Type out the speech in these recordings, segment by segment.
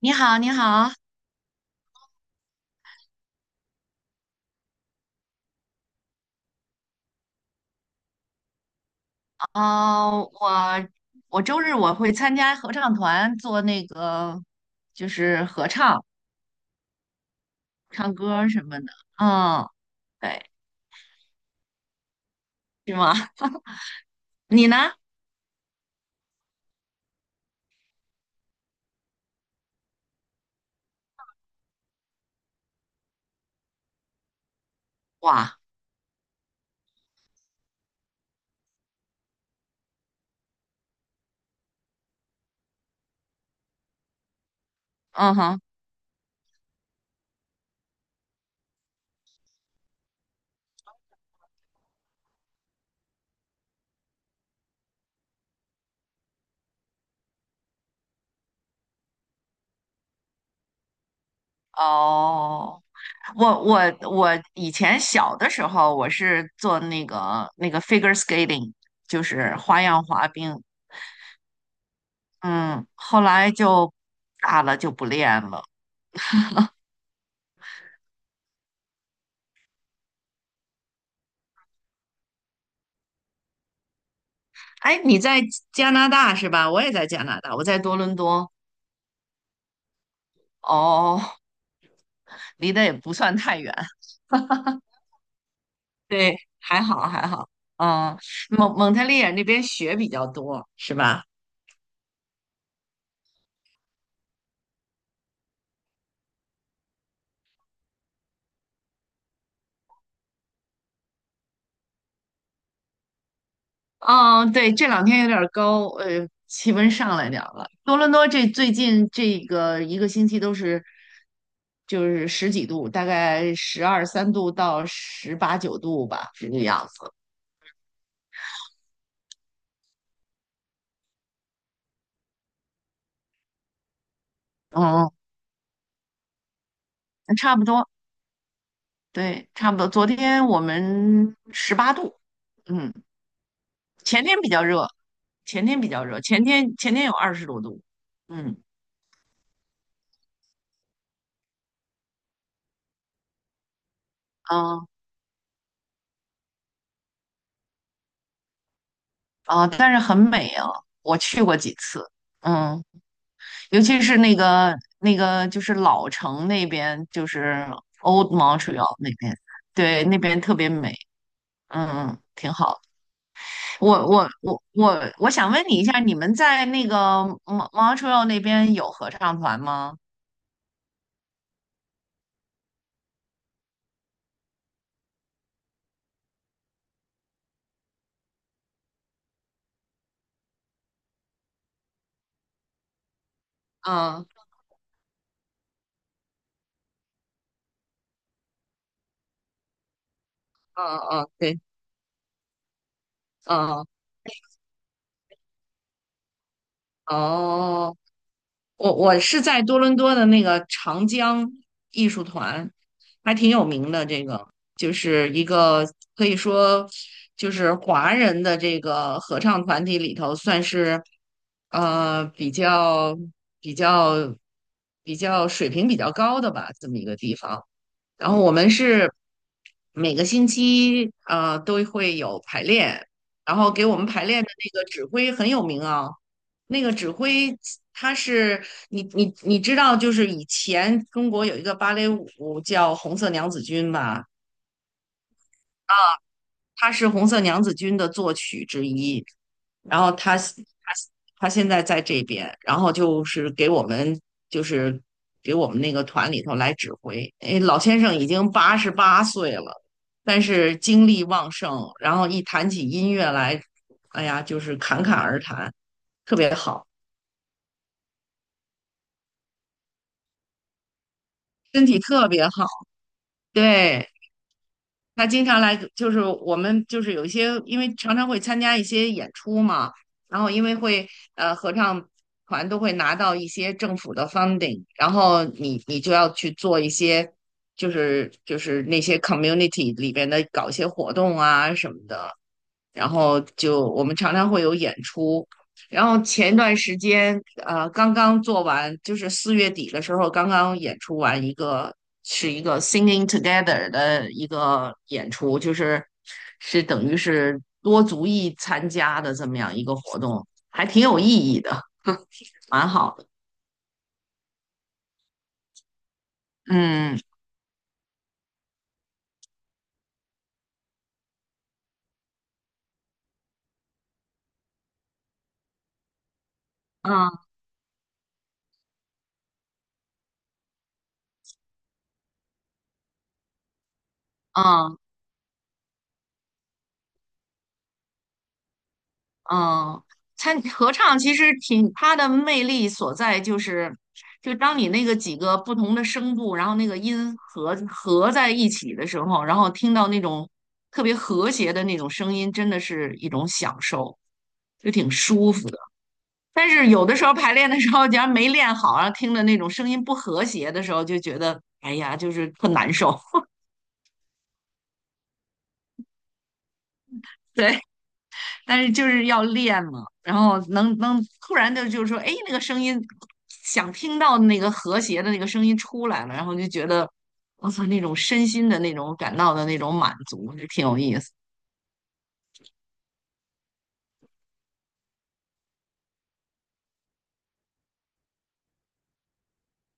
你好，你好。呃，我我周日我会参加合唱团做那个，就是唱歌儿什么的。嗯，对。是吗？你呢？哇。嗯哼。哦，我我我以前小的时候我是做那个figure skating，就是花样滑冰。嗯，后来就大了就不练了。哎，你在加拿大是吧？我也在加拿大，我在多伦多。哦，离得也不算太远。对，还好还好。嗯，蒙特利尔那边雪比较多，是吧？嗯，对，这两天有点儿高，气温上来点儿了。多伦多这最近这个一个星期都是就是十几度，大概十二三度到十八九度吧，这个样子。嗯，差不多，对，差不多。昨天我们十八度。嗯，前天比较热，前天有二十多度。嗯啊。啊，但是很美啊，我去过几次。嗯，尤其是就是老城那边，就是 Old Montreal 那边。对，那边特别美。嗯嗯，挺好。我想问你一下，你们在那个 Mon- Montreal 那边有合唱团吗？嗯嗯嗯，对，嗯。哦，我我是在多伦多的那个长江艺术团，还挺有名的。这个就是一个可以说就是华人的这个合唱团体里头，算是比较比较比较水平比较高的吧，这么一个地方。然后我们是每个星期都会有排练，然后给我们排练的那个指挥很有名啊。那个指挥他是，你知道，就是以前中国有一个芭蕾舞叫《红色娘子军》吧，她是红色娘子军的作曲之一。然后他现在在这边，然后就是给我们，就是那个团里头来指挥。哎，老先生已经八十八岁了，但是精力旺盛，然后一谈起音乐来，哎呀，就是侃侃而谈，特别好，身体特别好。对。他经常来，就是我们就是有一些，因为常常会参加一些演出嘛，然后因为会合唱团都会拿到一些政府的 funding，然后你就要去做一些，就是那些 community 里边的搞一些活动啊什么的，然后就我们常常会有演出。然后前一段时间，刚刚做完，就是四月底的时候，刚刚演出完一个，是一个 Singing Together 的一个演出，就是是等于是多族裔参加的这么样一个活动，还挺有意义的，蛮好的。嗯嗯嗯。嗯，参合唱其实挺，它的魅力所在就是，就当你那个几个不同的声部，然后那个音合在一起的时候，然后听到那种特别和谐的那种声音，真的是一种享受，就挺舒服的。但是有的时候排练的时候，假如没练好，然后听着那种声音不和谐的时候，就觉得哎呀，就是特难受。对，但是就是要练嘛，然后能突然的就是说，哎，那个声音想听到那个和谐的那个声音出来了，然后就觉得我操，那种身心的那种感到的那种满足，就挺有意思。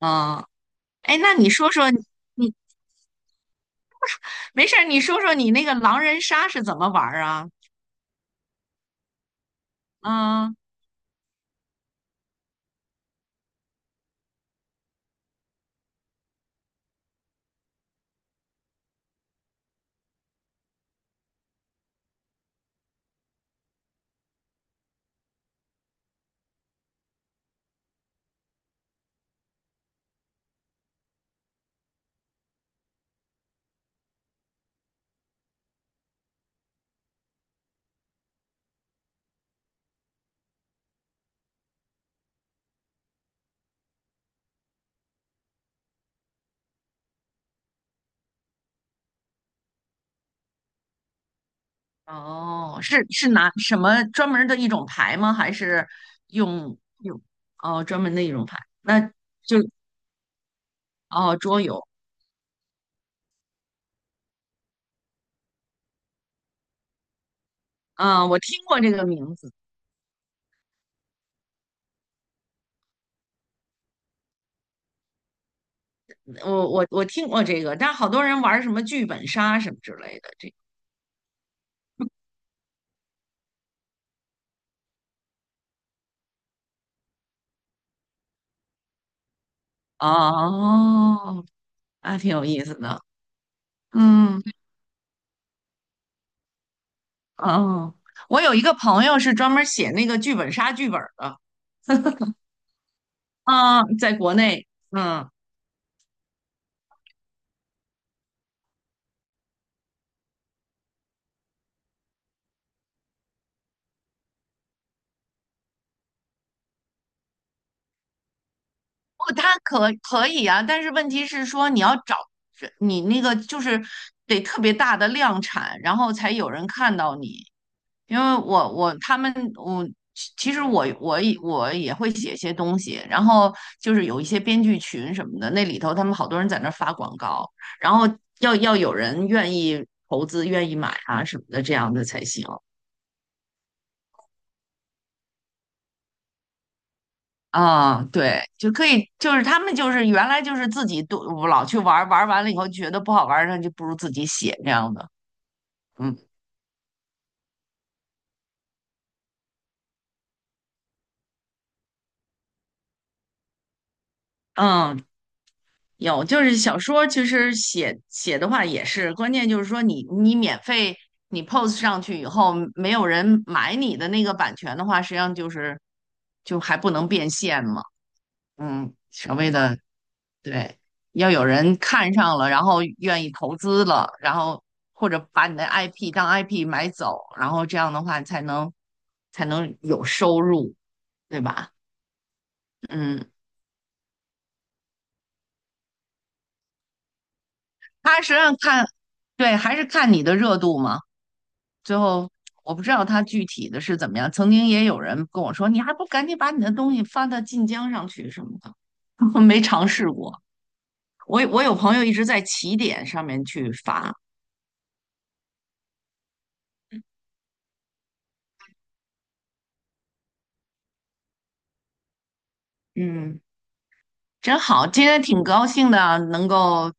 嗯，哎，那你说说你没事儿，你说说你那个狼人杀是怎么玩儿啊？嗯，哦，是是拿什么专门儿的一种牌吗？还是用用哦专门的一种牌？那哦桌游。嗯，我听过这个名字。我听过这个，但好多人玩什么剧本杀什么之类的，这哦，还挺有意思的。嗯，哦，我有一个朋友是专门写那个剧本杀剧本儿的。啊，在国内。嗯，不，他可以啊，但是问题是说你要找你那个就是得特别大的量产，然后才有人看到你。因为他们其实我我也会写一些东西，然后就是有一些编剧群什么的，那里头他们好多人在那儿发广告，然后有人愿意投资、愿意买啊什么的，这样的才行。啊，对，就可以，就是他们就是原来就是自己都老去玩儿，玩儿完了以后觉得不好玩儿，那就不如自己写这样的。嗯嗯，有，就是小说，其实写写的话也是，关键就是说你免费你 post 上去以后，没有人买你的那个版权的话，实际上就是还不能变现嘛。嗯，稍微的，对，要有人看上了，然后愿意投资了，然后或者把你的 IP 当 IP 买走，然后这样的话才能有收入，对吧？嗯，他实际上看，对，还是看你的热度嘛。最后我不知道他具体的是怎么样。曾经也有人跟我说，你还不赶紧把你的东西发到晋江上去什么的，没尝试过。我我有朋友一直在起点上面去发。嗯，真好，今天挺高兴的能够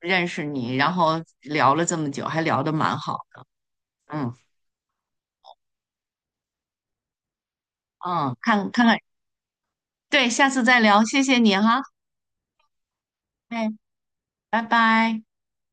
认识你，然后聊了这么久，还聊得蛮好。嗯嗯，看看看，对，下次再聊，谢谢你哈。哎，拜拜。